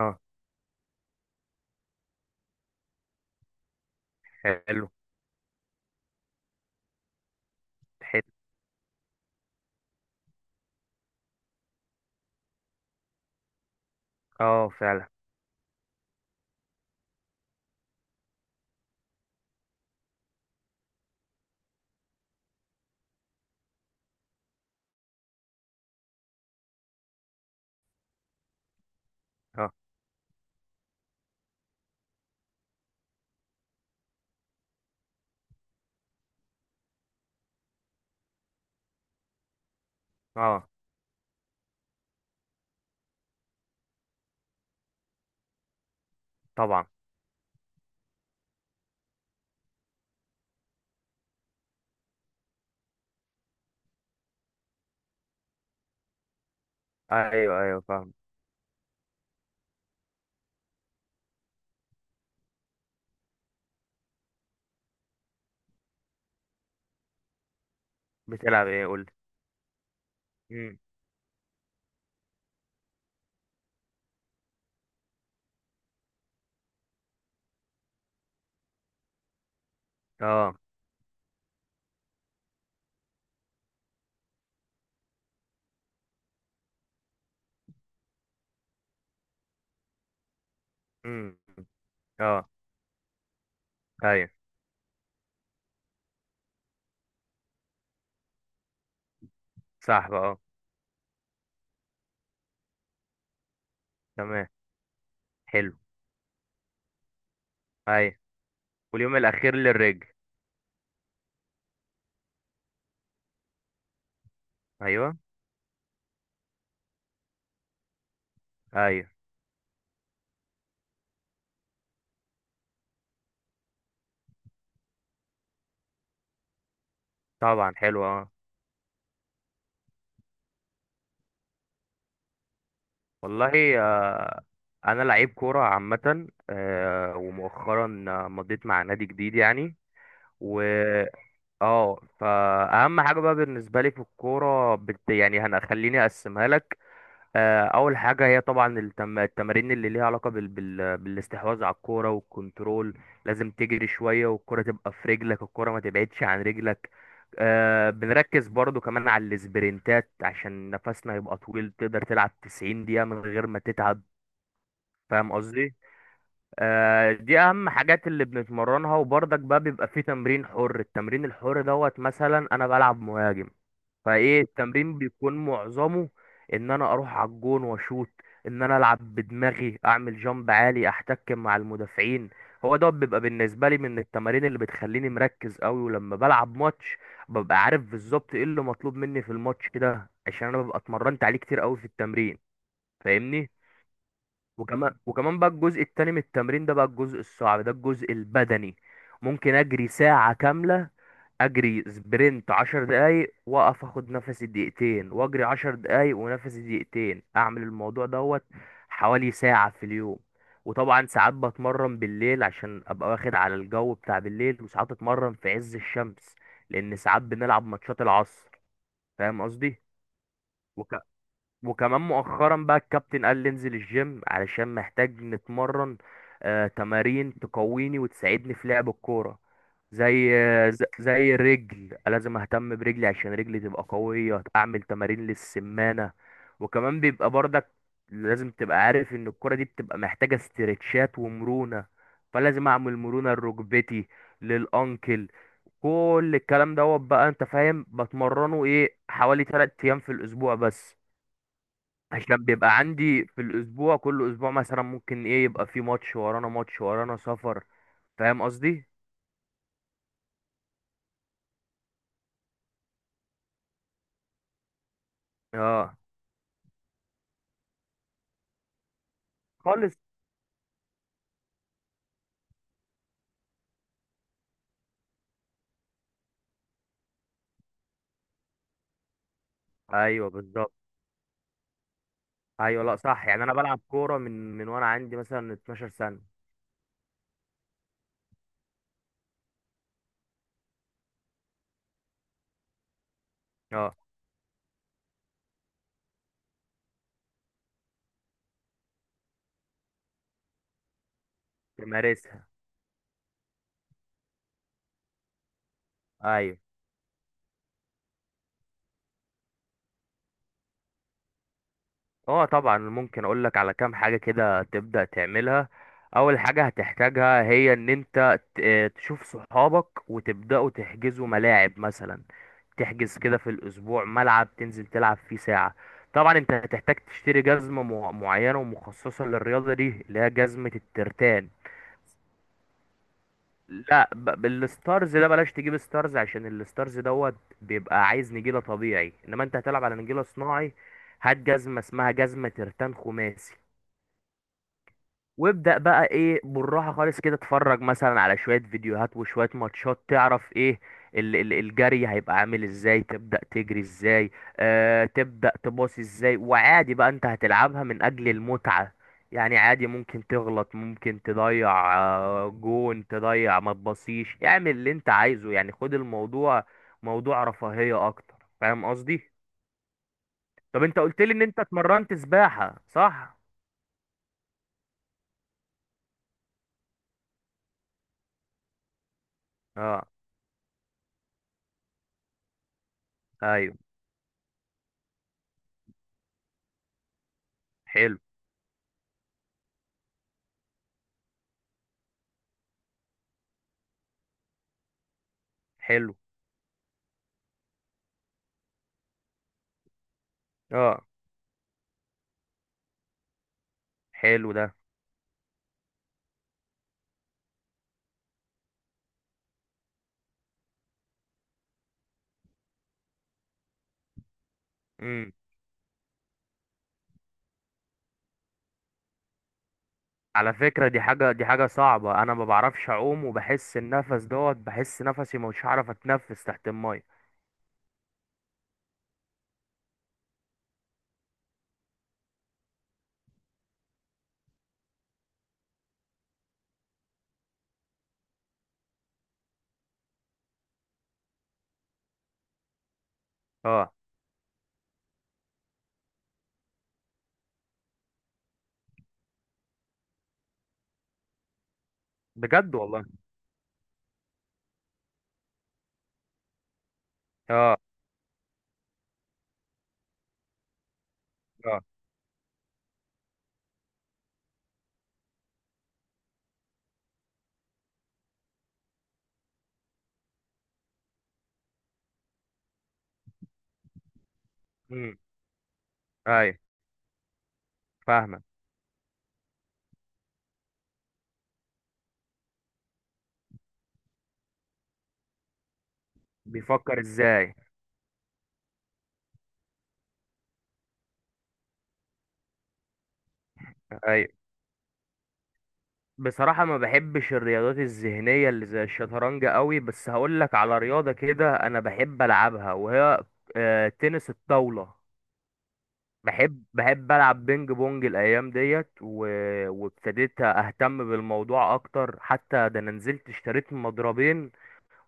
اه. حلو. حلو. اه فعلا. اه. اه طبعا. ايوه ايوه فاهم. بتلعب ايه قول لي؟ امم. اه. امم. اه. ايوه صح بقى اه. تمام. حلو. ايوه، واليوم الاخير للرجل. ايوه ايوه طبعا حلو اه. والله، انا لعيب كوره عامه، ومؤخرا مضيت مع نادي جديد يعني. و اه فاهم حاجه بقى بالنسبه لي في الكوره يعني هنخليني اقسمها لك. اول حاجه هي طبعا التمارين اللي ليها علاقه بالاستحواذ على الكوره والكنترول. لازم تجري شويه والكوره تبقى في رجلك، الكوره ما تبعدش عن رجلك. بنركز برضو كمان على السبرنتات عشان نفسنا يبقى طويل تقدر تلعب 90 دقيقه من غير ما تتعب. فاهم قصدي؟ دي اهم حاجات اللي بنتمرنها، وبرضك بقى بيبقى في تمرين حر. التمرين الحر دوت مثلا انا بلعب مهاجم، فايه التمرين بيكون معظمه ان انا اروح على الجون واشوط، ان انا العب بدماغي اعمل جامب عالي احتك مع المدافعين. هو ده بيبقى بالنسبه لي من التمارين اللي بتخليني مركز قوي، ولما بلعب ماتش ببقى عارف بالظبط ايه اللي مطلوب مني في الماتش ده عشان انا ببقى اتمرنت عليه كتير قوي في التمرين. فاهمني؟ وكمان بقى الجزء التاني من التمرين ده بقى الجزء الصعب، ده الجزء البدني. ممكن اجري ساعه كامله، اجري سبرنت 10 دقايق، واقف اخد نفسي دقيقتين، واجري 10 دقايق ونفسي دقيقتين، اعمل الموضوع دوت حوالي ساعة في اليوم. وطبعا ساعات بتمرن بالليل عشان ابقى واخد على الجو بتاع بالليل، وساعات اتمرن في عز الشمس لان ساعات بنلعب ماتشات العصر. فاهم قصدي؟ وك... وكمان مؤخرا بقى الكابتن قال لي انزل الجيم علشان محتاج نتمرن. تمارين تقويني وتساعدني في لعب الكورة. زي زي الرجل، لازم اهتم برجلي عشان رجلي تبقى قوية، اعمل تمارين للسمانة. وكمان بيبقى برضك لازم تبقى عارف ان الكرة دي بتبقى محتاجة استرتشات ومرونة، فلازم اعمل مرونة لركبتي، للانكل. كل الكلام دوت بقى انت فاهم بتمرنه ايه حوالي 3 ايام في الاسبوع بس، عشان بيبقى عندي في الاسبوع كل اسبوع مثلا ممكن ايه يبقى في ماتش ورانا، ماتش ورانا، سفر. فاهم قصدي؟ اه. خالص. ايوه بالظبط. ايوه لا صح، يعني انا بلعب كوره من وانا عندي مثلا 12 سنه. اه. بمارسها. ايوه. اه طبعا، ممكن اقول لك على كام حاجة كده تبدأ تعملها. اول حاجة هتحتاجها هي ان انت تشوف صحابك وتبدأوا تحجزوا ملاعب مثلا، تحجز كده في الاسبوع ملعب تنزل تلعب فيه ساعة. طبعا انت هتحتاج تشتري جزمة معينة ومخصصة للرياضة دي اللي هي جزمة الترتان. لا، بالستارز ده بلاش تجيب ستارز عشان الستارز دوت بيبقى عايز نجيلة طبيعي، انما انت هتلعب على نجيلة صناعي. هات جزمة اسمها جزمة ترتان خماسي، وابدأ بقى ايه بالراحة خالص كده. اتفرج مثلا على شوية فيديوهات وشوية ماتشات تعرف ايه الجري هيبقى عامل ازاي، تبدأ تجري ازاي، تبدأ تباصي ازاي. وعادي بقى انت هتلعبها من اجل المتعة، يعني عادي ممكن تغلط، ممكن تضيع جون، تضيع ما تبصيش، اعمل اللي انت عايزه. يعني خد الموضوع موضوع رفاهية اكتر. فاهم قصدي؟ طب انت قلت لي ان انت اتمرنت سباحة صح؟ اه. ايوه. حلو. حلو. اه حلو ده. امم. على فكرة، دي حاجة صعبة، انا ما بعرفش اعوم وبحس النفس دوت، بحس نفسي مش هعرف اتنفس تحت المية. اه بجد والله. اه. اه. امم. ايوه فاهمك. بيفكر ازاي. ايوه بصراحة ما بحبش الرياضات الذهنية اللي زي الشطرنج قوي، بس هقول لك على رياضة كده انا بحب العبها، وهي تنس الطاولة. بحب العب بينج بونج الايام ديت وابتديت اهتم بالموضوع اكتر، حتى ده انا نزلت اشتريت مضربين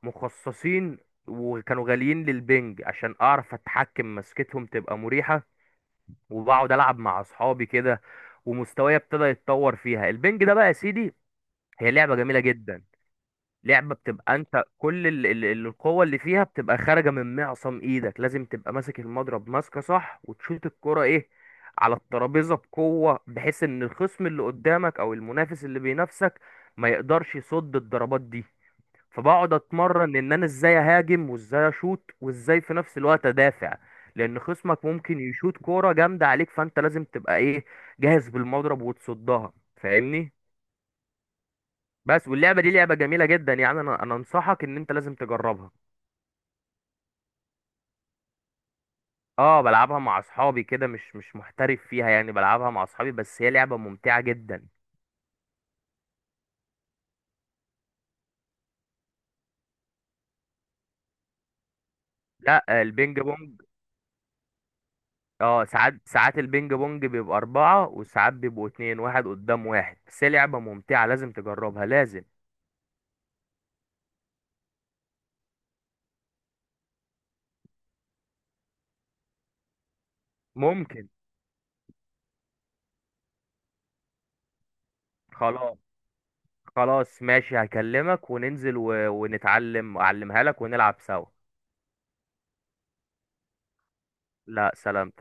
مخصصين، وكانوا غاليين للبنج عشان اعرف اتحكم، مسكتهم تبقى مريحة، وبقعد العب مع اصحابي كده ومستواي ابتدى يتطور فيها. البنج ده بقى يا سيدي هي لعبة جميلة جدا. لعبة بتبقى انت كل القوة اللي فيها بتبقى خارجة من معصم ايدك، لازم تبقى ماسك المضرب ماسكة صح وتشوط الكرة ايه على الترابيزة بقوة، بحيث ان الخصم اللي قدامك او المنافس اللي بينافسك ما يقدرش يصد الضربات دي. فبقعد اتمرن ان انا ازاي اهاجم وازاي اشوط وازاي في نفس الوقت ادافع، لان خصمك ممكن يشوط كورة جامدة عليك، فانت لازم تبقى ايه جاهز بالمضرب وتصدها. فاهمني؟ بس واللعبه دي لعبه جميله جدا، يعني انا انصحك ان انت لازم تجربها. اه بلعبها مع اصحابي كده، مش محترف فيها، يعني بلعبها مع اصحابي بس، هي لعبه ممتعه جدا. لا البينج بونج. اه ساعات ساعات البينج بونج بيبقى اربعه، وساعات بيبقوا اتنين، واحد قدام واحد، بس هي لعبه ممتعه، لازم تجربها لازم. ممكن. خلاص. خلاص ماشي، هكلمك وننزل ونتعلم اعلمها لك ونلعب سوا. لا سلام.